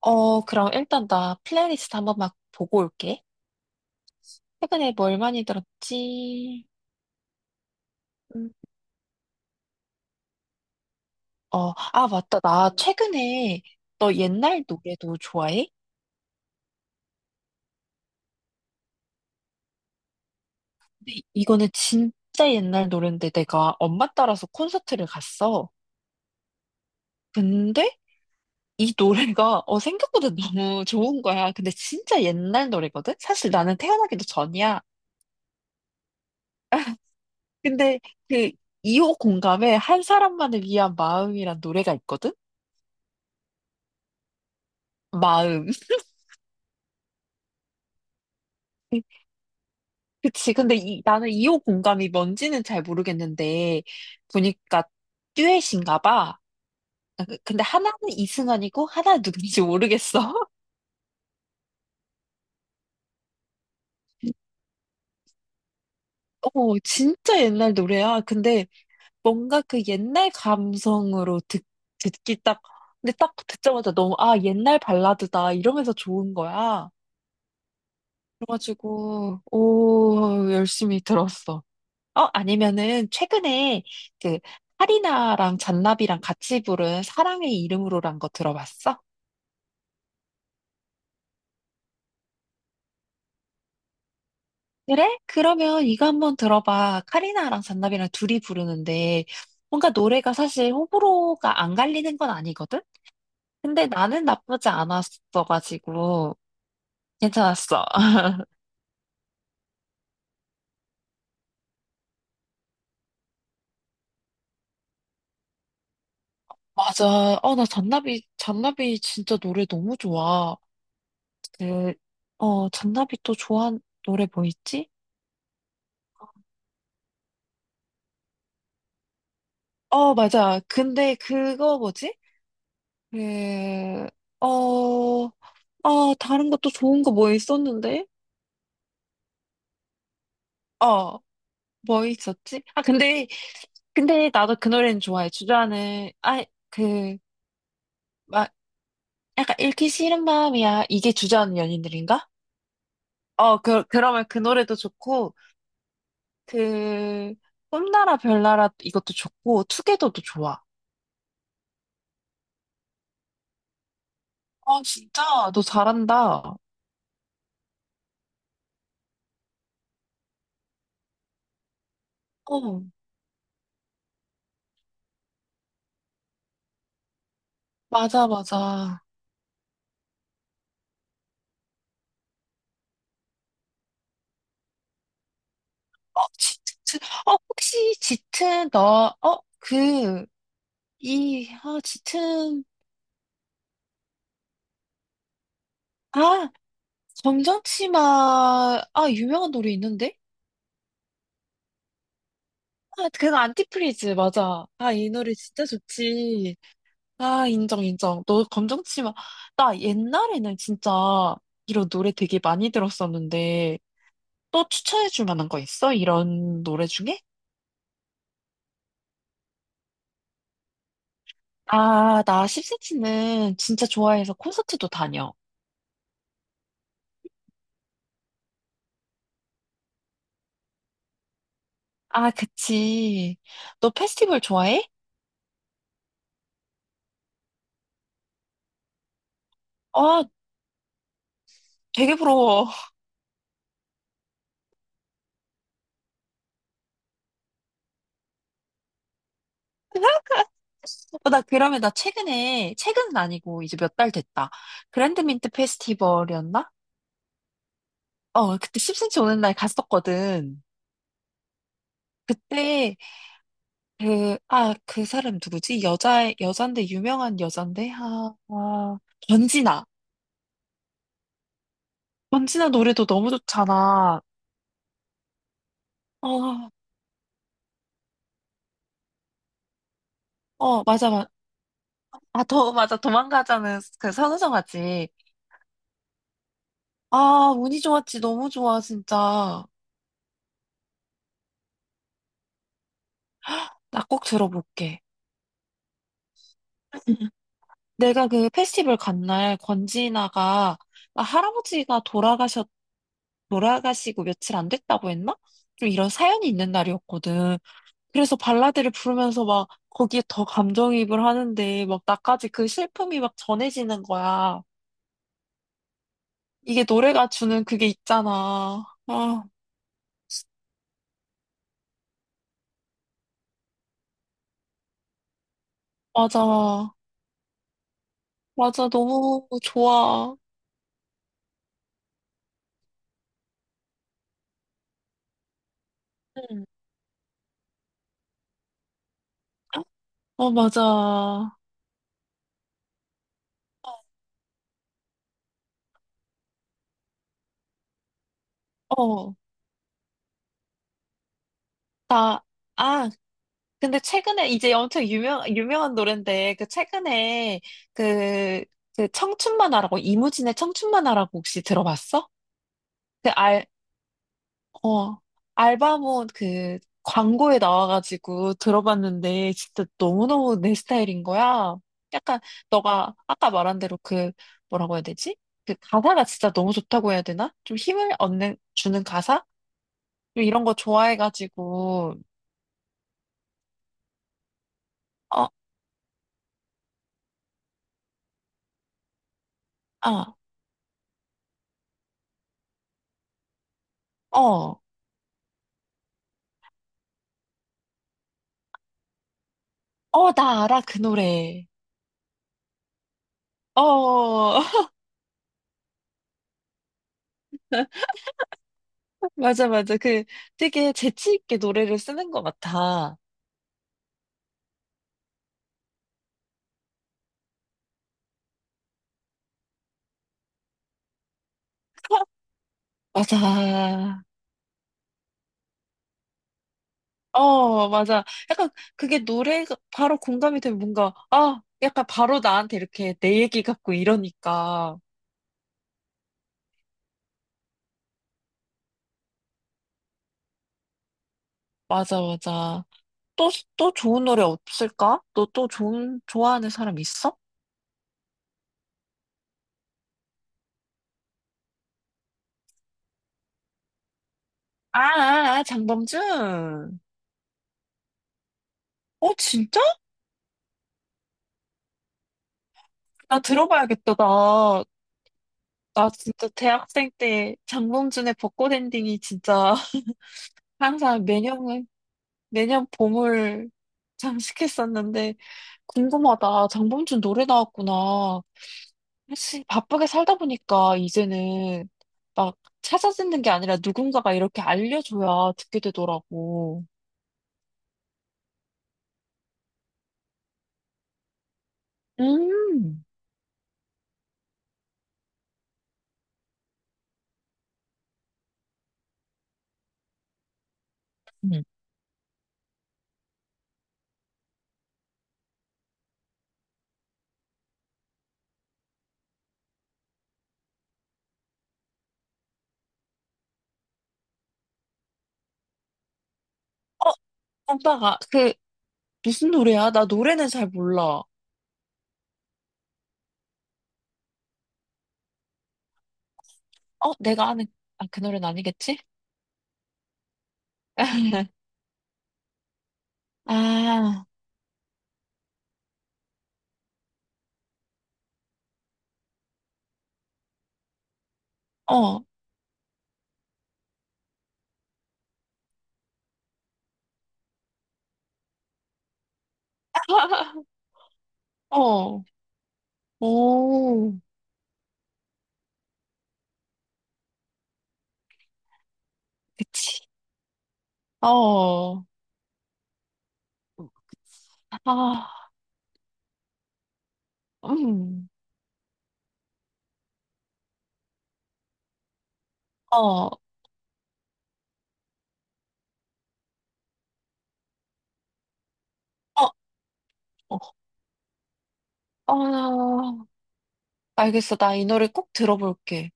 그럼 일단 나 플레이리스트 한번 막 보고 올게. 최근에 뭘 많이 들었지? 음, 맞다. 나 최근에 너 옛날 노래도 좋아해? 근데 이거는 진짜 옛날 노래인데 내가 엄마 따라서 콘서트를 갔어. 근데 이 노래가 생각보다 너무 좋은 거야. 근데 진짜 옛날 노래거든? 사실 나는 태어나기도 전이야. 근데 그 2호 공감에 한 사람만을 위한 마음이란 노래가 있거든? 마음. 그치. 근데 나는 2호 공감이 뭔지는 잘 모르겠는데, 보니까 듀엣인가 봐. 근데 하나는 이승환이고, 하나는 누군지 모르겠어. 진짜 옛날 노래야. 근데 뭔가 그 옛날 감성으로 듣기 딱, 근데 딱 듣자마자 너무, 아, 옛날 발라드다. 이러면서 좋은 거야. 그래가지고, 오, 열심히 들었어. 아니면은 최근에 그 카리나랑 잔나비랑 같이 부른 사랑의 이름으로란 거 들어봤어? 그래? 그러면 이거 한번 들어봐. 카리나랑 잔나비랑 둘이 부르는데 뭔가 노래가 사실 호불호가 안 갈리는 건 아니거든? 근데 나는 나쁘지 않았어가지고 괜찮았어. 맞아. 나 잔나비 진짜 노래 너무 좋아. 그, 잔나비 또 좋아하는 노래 뭐 있지? 맞아. 근데 그거 뭐지? 그, 어, 다른 것도 좋은 거 뭐 있었는데? 어, 뭐 있었지? 근데 나도 그 노래는 좋아해. 그, 막, 약간 읽기 싫은 마음이야. 이게 주저하는 연인들인가? 그러면 그 노래도 좋고, 그, 꿈나라 별나라 이것도 좋고, 투게더도 좋아. 어, 진짜, 너 잘한다. 어, 맞아, 맞아. 어, 짙은, 혹시 짙은 너, 짙은, 아, 검정치마, 유명한 노래 있는데? 그거 안티프리즈, 맞아. 이 노래 진짜 좋지. 인정, 인정. 너 검정치마. 나 옛날에는 진짜 이런 노래 되게 많이 들었었는데, 또 추천해줄 만한 거 있어? 이런 노래 중에? 나 10cm는 진짜 좋아해서 콘서트도 다녀. 그치. 너 페스티벌 좋아해? 아, 되게 부러워. 나 그러면 나 최근에 최근은 아니고 이제 몇 달 됐다. 그랜드민트 페스티벌이었나? 그때 10cm 오는 날 갔었거든. 그때 그 그 사람 누구지? 여자 여잔데 유명한 여잔데 권진아. 권진아 노래도 너무 좋잖아. 어 맞아, 맞아. 아더 맞아. 도망가자는 그 선우정 하지. 운이 좋았지. 너무 좋아 진짜. 나 꼭 들어볼게. 내가 그 페스티벌 간 날 권지나가 할아버지가 돌아가셨 돌아가시고 며칠 안 됐다고 했나? 좀 이런 사연이 있는 날이었거든. 그래서 발라드를 부르면서 막 거기에 더 감정이입을 하는데 막 나까지 그 슬픔이 막 전해지는 거야. 이게 노래가 주는 그게 있잖아. 맞아. 맞아. 너무 좋아. 응. 맞아. 어, 나, 아, 근데 최근에 이제 엄청 유명한 노래인데 그 최근에 그 그 청춘만화라고 이무진의 청춘만화라고 혹시 들어봤어? 그 알, 어, 알바몬 그 광고에 나와가지고 들어봤는데 진짜 너무너무 내 스타일인 거야. 약간 너가 아까 말한 대로 그 뭐라고 해야 되지? 그 가사가 진짜 너무 좋다고 해야 되나? 좀 힘을 얻는 주는 가사? 좀 이런 거 좋아해가지고 어, 아, 어, 나 알아 그 노래. 어, 맞아, 맞아. 그 되게 재치 있게 노래를 쓰는 것 같아. 맞아. 맞아. 약간 그게 노래가 바로 공감이 되면 뭔가, 약간 바로 나한테 이렇게 내 얘기 같고 이러니까. 맞아, 맞아. 또 좋은 노래 없을까? 너 또 좋아하는 사람 있어? 장범준. 진짜? 나 들어봐야겠다. 나 진짜 대학생 때 장범준의 벚꽃 엔딩이 진짜 항상 매년 봄을 장식했었는데, 궁금하다. 장범준 노래 나왔구나. 사실 바쁘게 살다 보니까 이제는 막 찾아 듣는 게 아니라 누군가가 이렇게 알려줘야 듣게 되더라고. 음. 음. 어, 오빠가 그 무슨 노래야? 나 노래는 잘 몰라. 내가 아는 그 노래는 아니겠지? 아, 어, 어, 오, 그치. 어. 아, 음, 어, 어, 어. 아, 알겠어. 나 이 노래 꼭 들어볼게.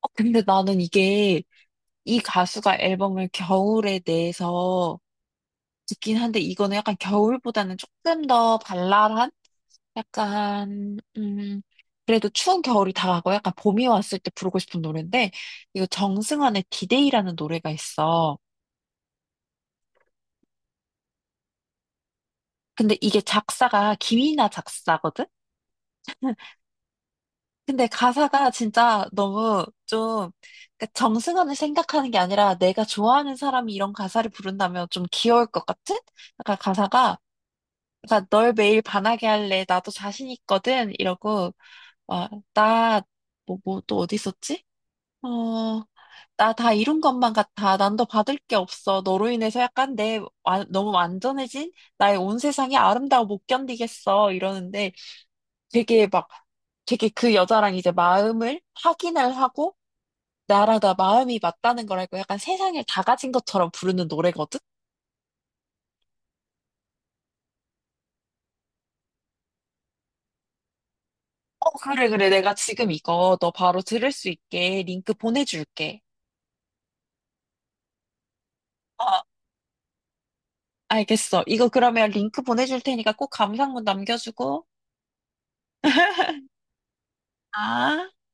근데 나는 이게 이 가수가 앨범을 겨울에 내서 듣긴 한데 이거는 약간 겨울보다는 조금 더 발랄한? 약간, 그래도 추운 겨울이 다가고 약간 봄이 왔을 때 부르고 싶은 노래인데, 이거 정승환의 디데이라는 노래가 있어. 근데 이게 작사가 김이나 작사거든? 근데 가사가 진짜 너무 좀 그러니까 정승환을 생각하는 게 아니라 내가 좋아하는 사람이 이런 가사를 부른다면 좀 귀여울 것 같은? 약간 가사가 그러니까 널 매일 반하게 할래 나도 자신 있거든 이러고 와나뭐뭐 또 어디 있었지? 어 나 다 이룬 것만 같아 난 더 받을 게 없어 너로 인해서 약간 너무 완전해진 나의 온 세상이 아름다워 못 견디겠어 이러는데 되게 막, 되게 그 여자랑 이제 마음을 확인을 하고, 나랑 나 마음이 맞다는 걸 알고 약간 세상을 다 가진 것처럼 부르는 노래거든? 그래, 그래. 내가 지금 이거 너 바로 들을 수 있게 링크 보내줄게. 어, 알겠어. 이거 그러면 링크 보내줄 테니까 꼭 감상문 남겨주고. 아.